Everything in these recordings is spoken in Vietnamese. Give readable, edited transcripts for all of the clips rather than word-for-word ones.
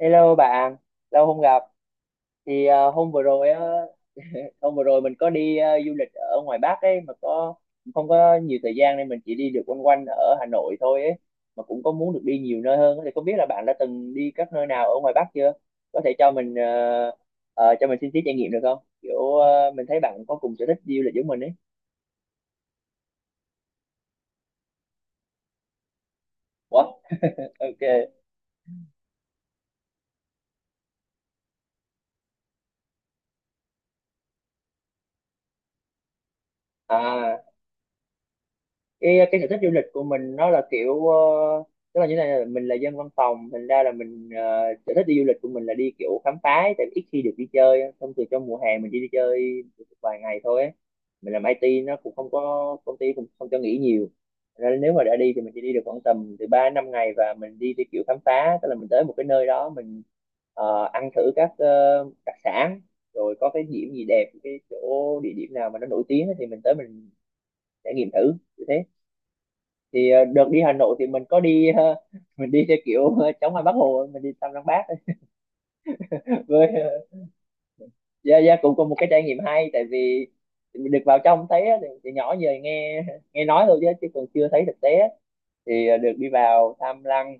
Hello bạn, lâu không gặp. Thì hôm vừa rồi á, hôm vừa rồi mình có đi du lịch ở ngoài Bắc ấy mà không có nhiều thời gian nên mình chỉ đi được quanh quanh ở Hà Nội thôi ấy. Mà cũng có muốn được đi nhiều nơi hơn á. Thì không biết là bạn đã từng đi các nơi nào ở ngoài Bắc chưa? Có thể cho mình cho mình xin tí trải nghiệm được không? Kiểu mình thấy bạn có cùng sở thích đi du lịch giống mình ấy. Ủa? Ok. À cái sở thích du lịch của mình nó là kiểu, tức là như thế này, là mình là dân văn phòng, thành ra là mình, sở thích đi du lịch của mình là đi kiểu khám phá ấy, tại vì ít khi được đi chơi á. Thông thường trong mùa hè mình chỉ đi chơi vài ngày thôi ấy. Mình làm IT nó cũng không có, công ty cũng không cho nghỉ nhiều. Thành ra nếu mà đã đi thì mình chỉ đi được khoảng tầm từ 3 đến 5 ngày, và mình đi theo kiểu khám phá, tức là mình tới một cái nơi đó mình ăn thử các đặc sản, rồi có cái điểm gì đẹp, cái chỗ địa điểm nào mà nó nổi tiếng ấy thì mình tới mình trải nghiệm thử như thế. Thì đợt đi Hà Nội thì mình có đi mình đi theo kiểu chống hoa Bác Hồ, mình đi thăm Lăng Bác ấy. Với dạ dạ, cũng có một cái trải nghiệm hay, tại vì được vào trong thấy á, thì nhỏ giờ nghe nghe nói thôi chứ chứ còn chưa thấy thực tế á. Thì được đi vào thăm lăng,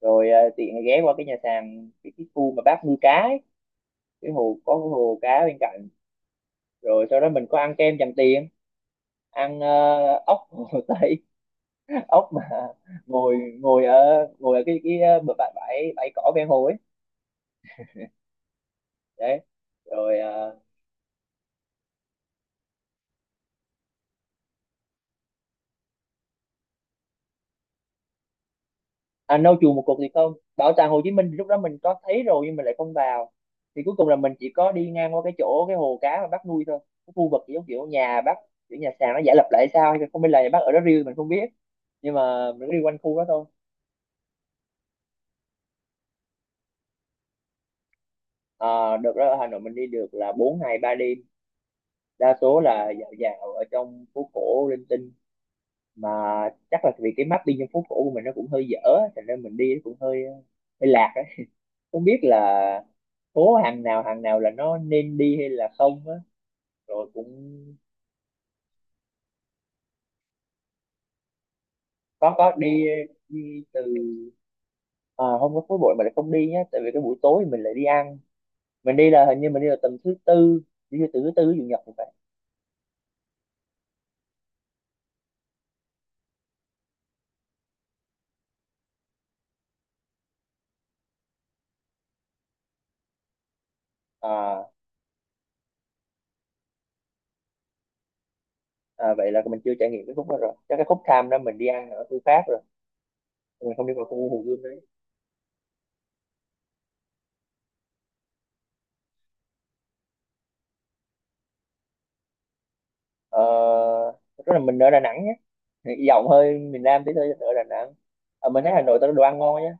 rồi tiện ghé qua cái nhà sàn, cái khu mà bác nuôi cá ấy. Cái hồ, có cái hồ cá bên cạnh, rồi sau đó mình có ăn kem Tràng Tiền, ăn ốc hồ Tây, ốc mà ngồi ngồi ở cái cái, bãi bãi bãi cỏ ven hồ ấy, đấy. Rồi à, à nâu chùa một cục thì không, bảo tàng Hồ Chí Minh thì lúc đó mình có thấy rồi nhưng mình lại không vào. Thì cuối cùng là mình chỉ có đi ngang qua cái chỗ cái hồ cá mà bác nuôi thôi, cái khu vực kiểu kiểu nhà bác, kiểu nhà sàn nó giả lập lại sao hay không biết, là nhà bác ở đó riêng mình không biết, nhưng mà mình cứ đi quanh khu đó thôi. À, được đó, ở Hà Nội mình đi được là 4 ngày 3 đêm. Đa số là dạo dạo ở trong phố cổ linh tinh mà, chắc là vì cái mapping trong phố cổ của mình nó cũng hơi dở á, thành nên mình đi nó cũng hơi hơi lạc ấy. Không biết là Ố hàng nào là nó nên đi hay là không á, rồi cũng có đi đi từ à, không có khối bụi mà lại không đi nhá, tại vì cái buổi tối mình lại đi ăn. Mình đi là hình như mình đi là tầm thứ tư, đi từ thứ tư chủ nhật thì phải. À, à, vậy là mình chưa trải nghiệm cái khúc đó rồi, chắc cái khúc tham đó mình đi ăn ở khu khác rồi, mình không đi vào khu Hồ Gươm đấy. Ờ, rất là mình ở Đà Nẵng nhé, giọng hơi miền Nam tí thôi, ở Đà Nẵng. Ờ, mình thấy Hà Nội tao đồ ăn ngon nhá,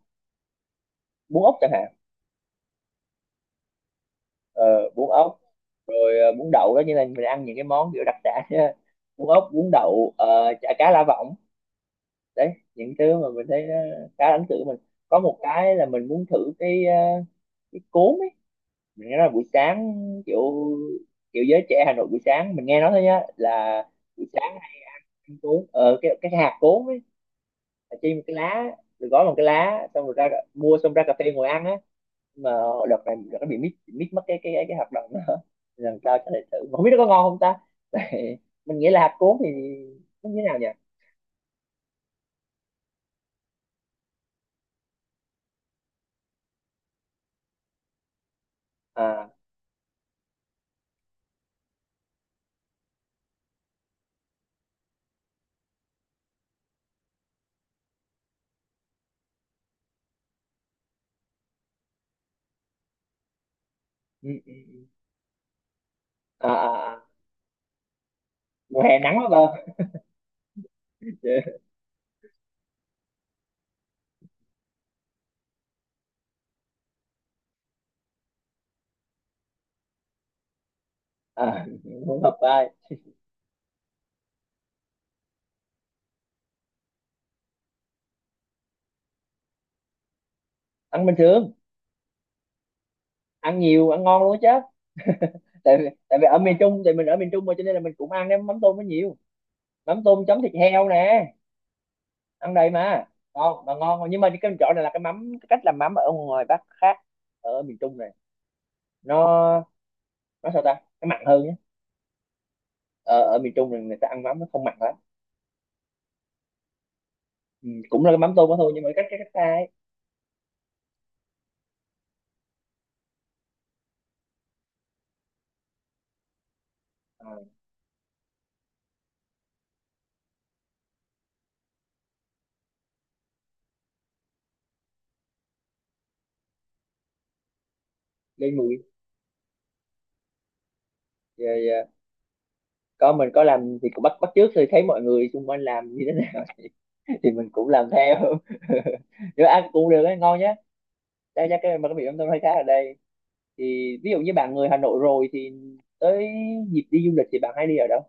bún ốc chẳng hạn. Ờ, Bún ốc, rồi bún đậu đó, như là mình ăn những cái món kiểu đặc sản á. Bún ốc, bún đậu, chả cá lá vọng, đấy những thứ mà mình thấy nó khá là ấn tượng. Mình có một cái là mình muốn thử cái cái cốm ấy. Mình nghe nói là buổi sáng, kiểu kiểu giới trẻ Hà Nội buổi sáng, mình nghe nói thôi nhá, là buổi sáng ăn cốm, cái hạt cốm ấy là trên một cái lá, rồi gói bằng cái lá xong rồi ra mua, xong ra cà phê ngồi ăn á mà. Đợt này đợt nó bị mít mít mất cái hợp đồng đó. Lần sau chắc lại thử mà không biết nó có ngon không ta. Tại mình nghĩ là hạt cuốn thì nó như thế nào nhỉ. À, ừ, ừ, ừ. À, à, à. Mùa hè nắng quá cơ. À, không hợp vai. Ăn bình thường, ăn nhiều, ăn ngon luôn á. Chứ tại, tại vì ở miền Trung thì mình, ở miền Trung mà cho nên là mình cũng ăn cái mắm tôm nó nhiều. Mắm tôm chấm thịt heo nè, ăn đầy mà, ngon mà, ngon. Nhưng mà cái chỗ này là cái mắm, cái cách làm mắm ở ngoài Bắc khác, ở miền Trung này, nó nó sao ta, cái mặn hơn nhá. Ở ở miền Trung thì người ta ăn mắm nó không mặn lắm. Ừ, cũng là cái mắm tôm đó thôi nhưng mà cách, cái cách ta ấy. À, lên mùi rồi à, có mình có làm thì cũng bắt bắt chước, thì thấy mọi người xung quanh làm như thế này thì mình cũng làm theo. Nếu ăn cũng được ấy, ngon nhá. Đây nha, cái mà cái miệng mắm tôm hay khá ở đây. Thì ví dụ như bạn người Hà Nội rồi thì tới dịp đi du lịch thì bạn hay đi ở đâu?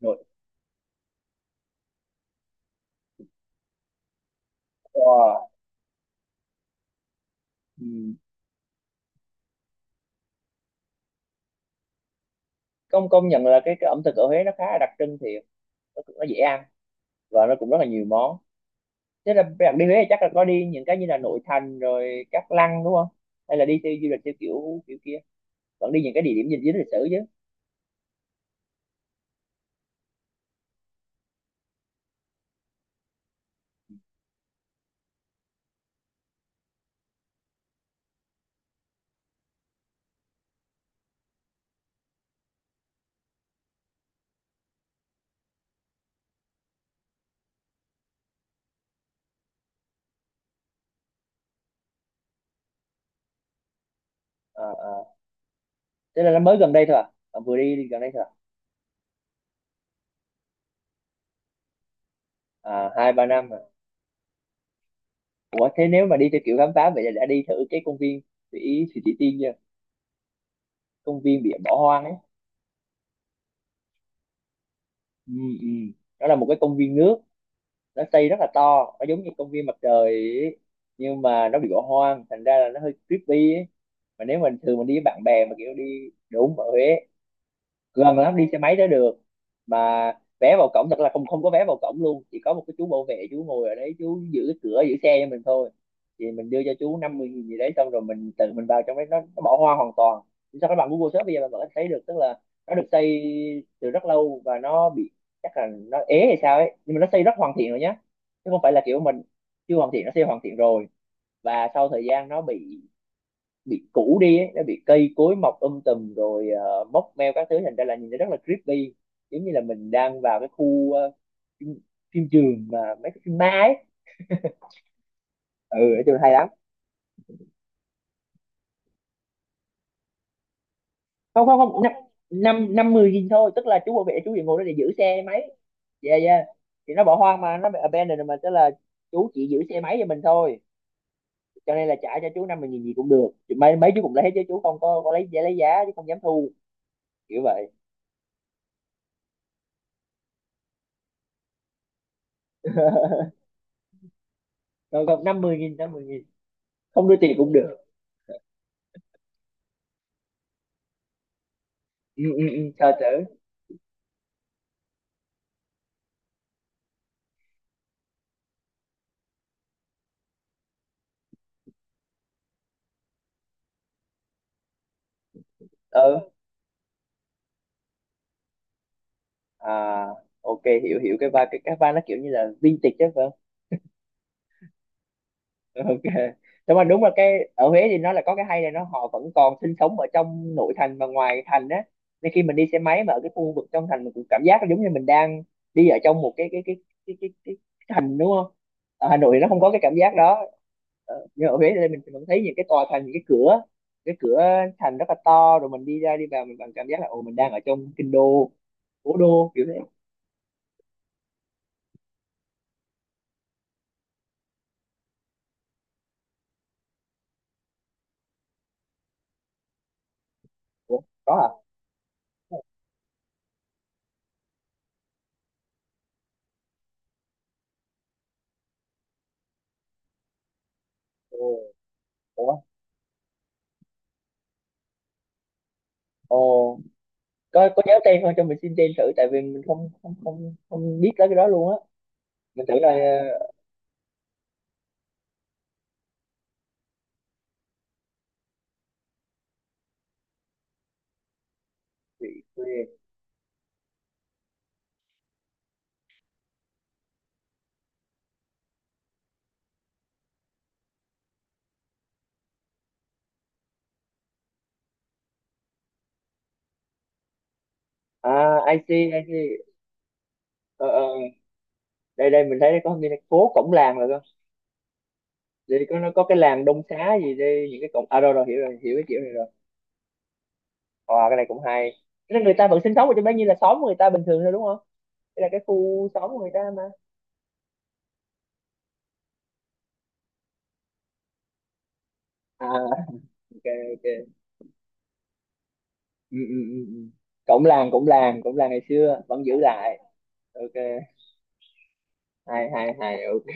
Nội, wow. Ừ. Công công nhận là cái ẩm thực ở Huế nó khá là đặc trưng thiệt, nó dễ ăn, và nó cũng rất là nhiều món. Thế là bạn đi Huế thì chắc là có đi những cái như là nội thành rồi các lăng đúng không? Hay là đi theo du lịch theo kiểu kiểu kia? Vẫn đi những cái địa điểm gì dính lịch sử chứ? À, à. Thế là nó mới gần đây thôi à? Bạn vừa đi, đi gần đây thôi à? À, hai ba năm à? Ủa thế nếu mà đi theo kiểu khám phá vậy là đã đi thử cái công viên Thủy Thủy Thị Tiên chưa? Công viên bị bỏ hoang ấy. Ừ, ừ. Nó là một cái công viên nước, nó xây rất là to, nó giống như công viên mặt trời ấy. Nhưng mà nó bị bỏ hoang, thành ra là nó hơi creepy ấy. Mà nếu mình thường mình đi với bạn bè mà kiểu đi đúng ở Huế, gần lắm, đi xe máy tới được mà, vé vào cổng thật là không, không có vé vào cổng luôn, chỉ có một cái chú bảo vệ, chú ngồi ở đấy chú giữ cái cửa, giữ xe cho mình thôi. Thì mình đưa cho chú 50 nghìn gì đấy, xong rồi mình tự mình vào trong đấy, nó bỏ hoa hoàn toàn. Thì sao các bạn Google Search bây giờ bạn vẫn thấy được, tức là nó được xây từ rất lâu, và nó bị, chắc là nó ế hay sao ấy, nhưng mà nó xây rất hoàn thiện rồi nhá, chứ không phải là kiểu mình chưa hoàn thiện, nó xây hoàn thiện rồi, và sau thời gian nó bị cũ đi ấy, nó bị cây cối mọc tùm rồi móc meo các thứ, thành ra là nhìn nó rất là creepy, giống như là mình đang vào cái khu phim, phim trường mà mấy cái phim ma ấy. Ừ, nói chung là hay lắm. Không không không năm năm năm mười nghìn thôi, tức là chú bảo vệ chú chỉ ngồi đó để giữ xe máy. Yeah, yeah, thì nó bỏ hoang mà, nó bị abandoned rồi mà, tức là chú chỉ giữ xe máy cho mình thôi, cho nên là trả cho chú năm mươi nghìn gì cũng được. Thì mấy mấy chú cũng lấy chứ chú không có, có lấy giá chứ không dám thu kiểu vậy. Rồi còn năm mươi nghìn, không đưa tiền cũng được. Ừ, ừ, ừ, sao chữ. Ừ à, ok, hiểu hiểu cái vai, cái vai nó kiểu như là vintage chứ phải không? Ok, nhưng mà đúng là cái ở Huế thì nó là có cái hay là nó, họ vẫn còn sinh sống ở trong nội thành và ngoài thành á, nên khi mình đi xe máy mà ở cái khu vực trong thành, mình cũng cảm giác giống như mình đang đi ở trong một cái thành đúng không. Ở Hà Nội thì nó không có cái cảm giác đó. Ờ, nhưng ở Huế thì mình vẫn thấy những cái tòa thành, những cái cửa thành rất là to, rồi mình đi ra đi vào mình còn cảm giác là ồ mình đang ở trong kinh đô, cố đô kiểu thế. Ủa, có à? Ồ, ủa, ồ, có nhớ tên không cho mình xin tên thử, tại vì mình không không không không biết tới cái đó luôn á. Mình thử là bị quên. à I see, I see. Ờ, ờ, đây đây mình thấy có cái phố cổng làng rồi cơ. Đây có nó có cái làng Đông Xá gì đây, những cái cổng, à rồi rồi, hiểu cái kiểu này rồi. Ờ, cái này cũng hay. Thế là người ta vẫn sinh sống ở trong đó như là xóm người ta bình thường thôi đúng không? Đây là cái khu xóm của người ta mà. À, ok, ok. Ừ, ừ, ừ, ừ. Cổng làng, cổng làng, cổng làng ngày xưa vẫn giữ lại. Ok. Hay hay hay, ok.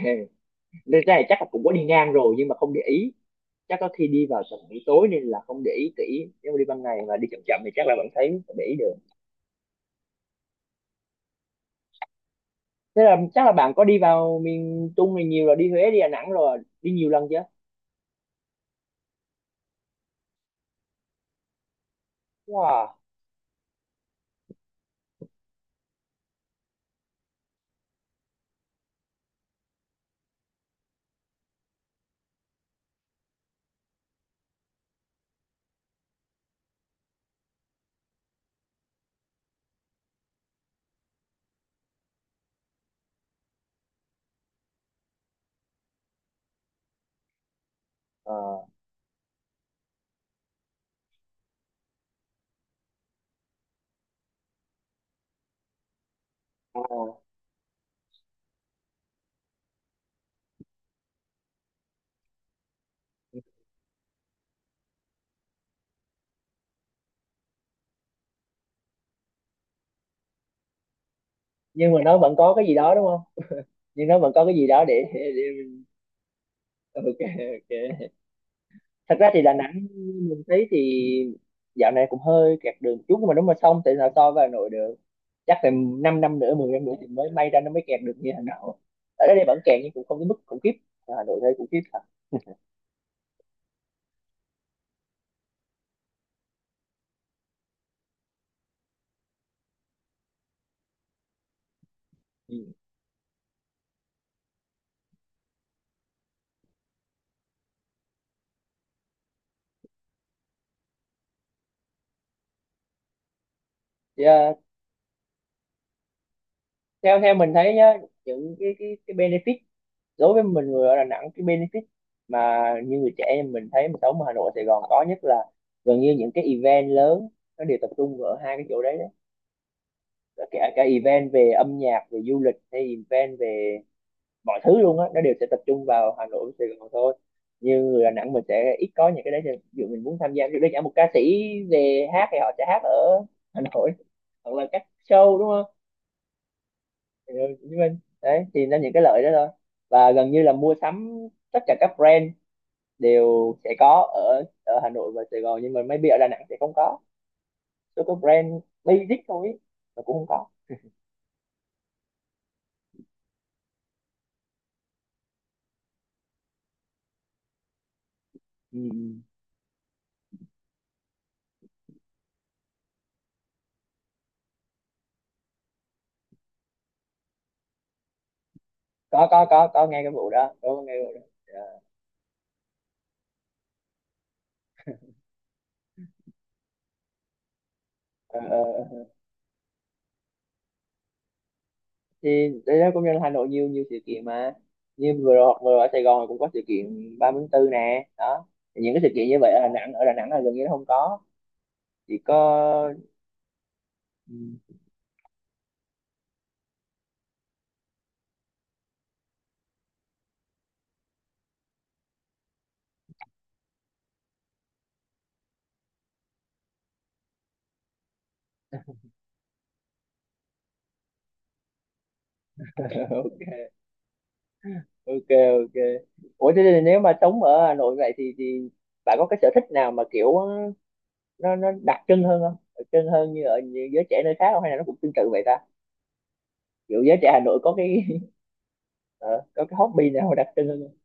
Nên cái này chắc là cũng có đi ngang rồi nhưng mà không để ý. Chắc có khi đi vào tầm buổi tối nên là không để ý kỹ, nếu mà đi ban ngày mà đi chậm chậm thì chắc là bạn thấy vẫn để ý được. Thế là chắc là bạn có đi vào miền Trung này nhiều rồi, đi Huế đi Đà Nẵng rồi, đi nhiều lần chưa? Wow. Ờ, ờ. Nhưng mà nó vẫn có cái gì đó đúng không, nhưng nó vẫn có cái gì đó để... Ok, ok. Thật ra thì Đà Nẵng mình thấy thì dạo này cũng hơi kẹt đường một chút, nhưng mà nếu mà xong thì sao so với Hà Nội được. Chắc phải 5 năm năm nữa, 10 năm nữa thì mới may ra nó mới kẹt được như Hà Nội. Ở đây vẫn kẹt nhưng cũng không đến mức khủng khiếp. Ở Hà Nội thấy khủng khiếp thật. Ừ. Thì, à, theo theo mình thấy nhá, những cái benefit đối với mình người ở Đà Nẵng, cái benefit mà như người trẻ em mình thấy mình sống ở Hà Nội Sài Gòn có, nhất là gần như những cái event lớn nó đều tập trung ở hai cái chỗ đấy đấy, kể cả event về âm nhạc, về du lịch hay event về mọi thứ luôn á, nó đều sẽ tập trung vào Hà Nội Sài Gòn thôi. Như người Đà Nẵng mình sẽ ít có những cái đấy, ví dụ mình muốn tham gia, ví dụ đơn giản một ca sĩ về hát thì họ sẽ hát ở Hà Nội hoặc là các show đúng không. Ừ, Hồ Chí Minh, đấy thì nó những cái lợi đó thôi. Và gần như là mua sắm, tất cả các brand đều sẽ có ở ở Hà Nội và Sài Gòn, nhưng mà maybe ở Đà Nẵng sẽ không có, số có brand basic thôi ý, mà cũng không có. Ừ, ừ. Có nghe cái vụ đó, có nghe cái vụ đó. Dạ. Ờ, ờ, ờ. Thì đấy đó, công nhân Hà Nội nhiều, nhiều sự kiện mà. Như vừa rồi ở Sài Gòn cũng có sự kiện 3 tháng 4 nè đó, thì những cái sự kiện như vậy ở Đà Nẵng, ở Đà Nẵng là gần như nó không có, chỉ có. Ừ, ok, ok, ok. Ủa thế thì nếu mà sống ở Hà Nội vậy thì bạn có cái sở thích nào mà kiểu nó đặc trưng hơn không, đặc trưng hơn như ở như giới trẻ nơi khác không, hay là nó cũng tương tự vậy ta, kiểu giới trẻ Hà Nội có cái ờ, có cái hobby nào đặc trưng hơn không?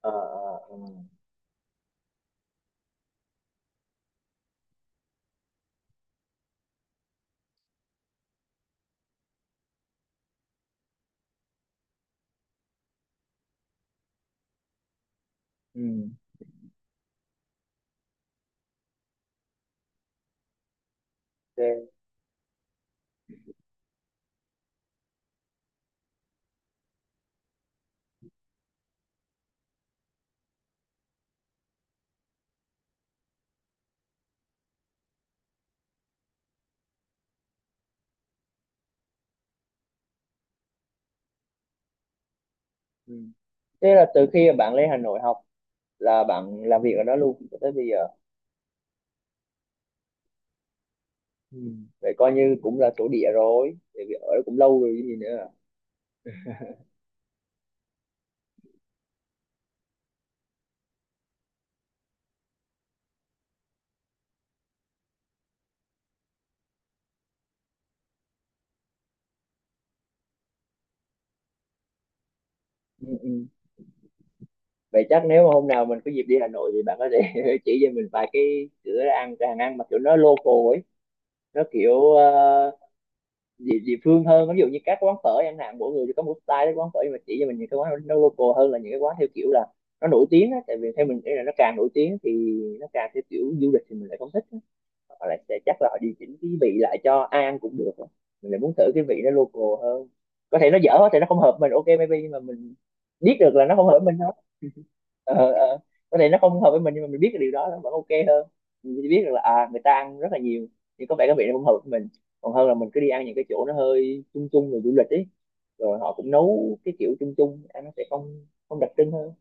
Ờ, ờ, ờ. Ừ, ok, ừ. Thế là từ khi mà bạn lên Hà Nội học là bạn làm việc ở đó luôn cho tới bây giờ. Ừ. Vậy coi như cũng là thổ địa rồi, tại vì ở đó cũng lâu rồi chứ gì nữa. Ừ, ừ. Vậy chắc nếu mà hôm nào mình có dịp đi Hà Nội thì bạn có thể chỉ cho mình vài cái cửa ăn, cái hàng ăn mà kiểu nó local ấy, nó kiểu ờ, địa, địa phương hơn, ví dụ như các quán phở chẳng hạn, mỗi người thì có một style các quán phở, nhưng mà chỉ cho mình những cái quán nó local hơn, là những cái quán theo kiểu là nó nổi tiếng á, tại vì theo mình nghĩ là nó càng nổi tiếng thì nó càng theo kiểu du lịch thì mình lại không thích. Họ lại sẽ chắc là họ điều chỉnh cái vị lại cho ai ăn cũng được, mình lại muốn thử cái vị nó local hơn. Có thể nó dở thì nó không hợp mình, ok maybe, nhưng mà mình biết được là nó không hợp với mình thôi. Ờ, ờ. Có thể nó không hợp với mình nhưng mà mình biết cái điều đó nó vẫn ok hơn. Mình biết được là à người ta ăn rất là nhiều nhưng có vẻ cái vị nó không hợp với mình, còn hơn là mình cứ đi ăn những cái chỗ nó hơi chung chung rồi du lịch ấy, rồi họ cũng nấu cái kiểu chung chung, ăn nó sẽ không không đặc trưng hơn.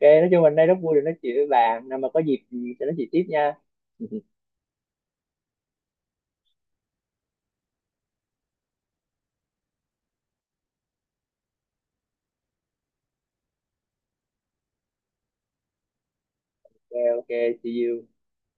Ok, nói chung mình đây rất vui được nói chuyện với bạn, nào mà có dịp thì sẽ nói chuyện tiếp nha. Ok, ok, see you.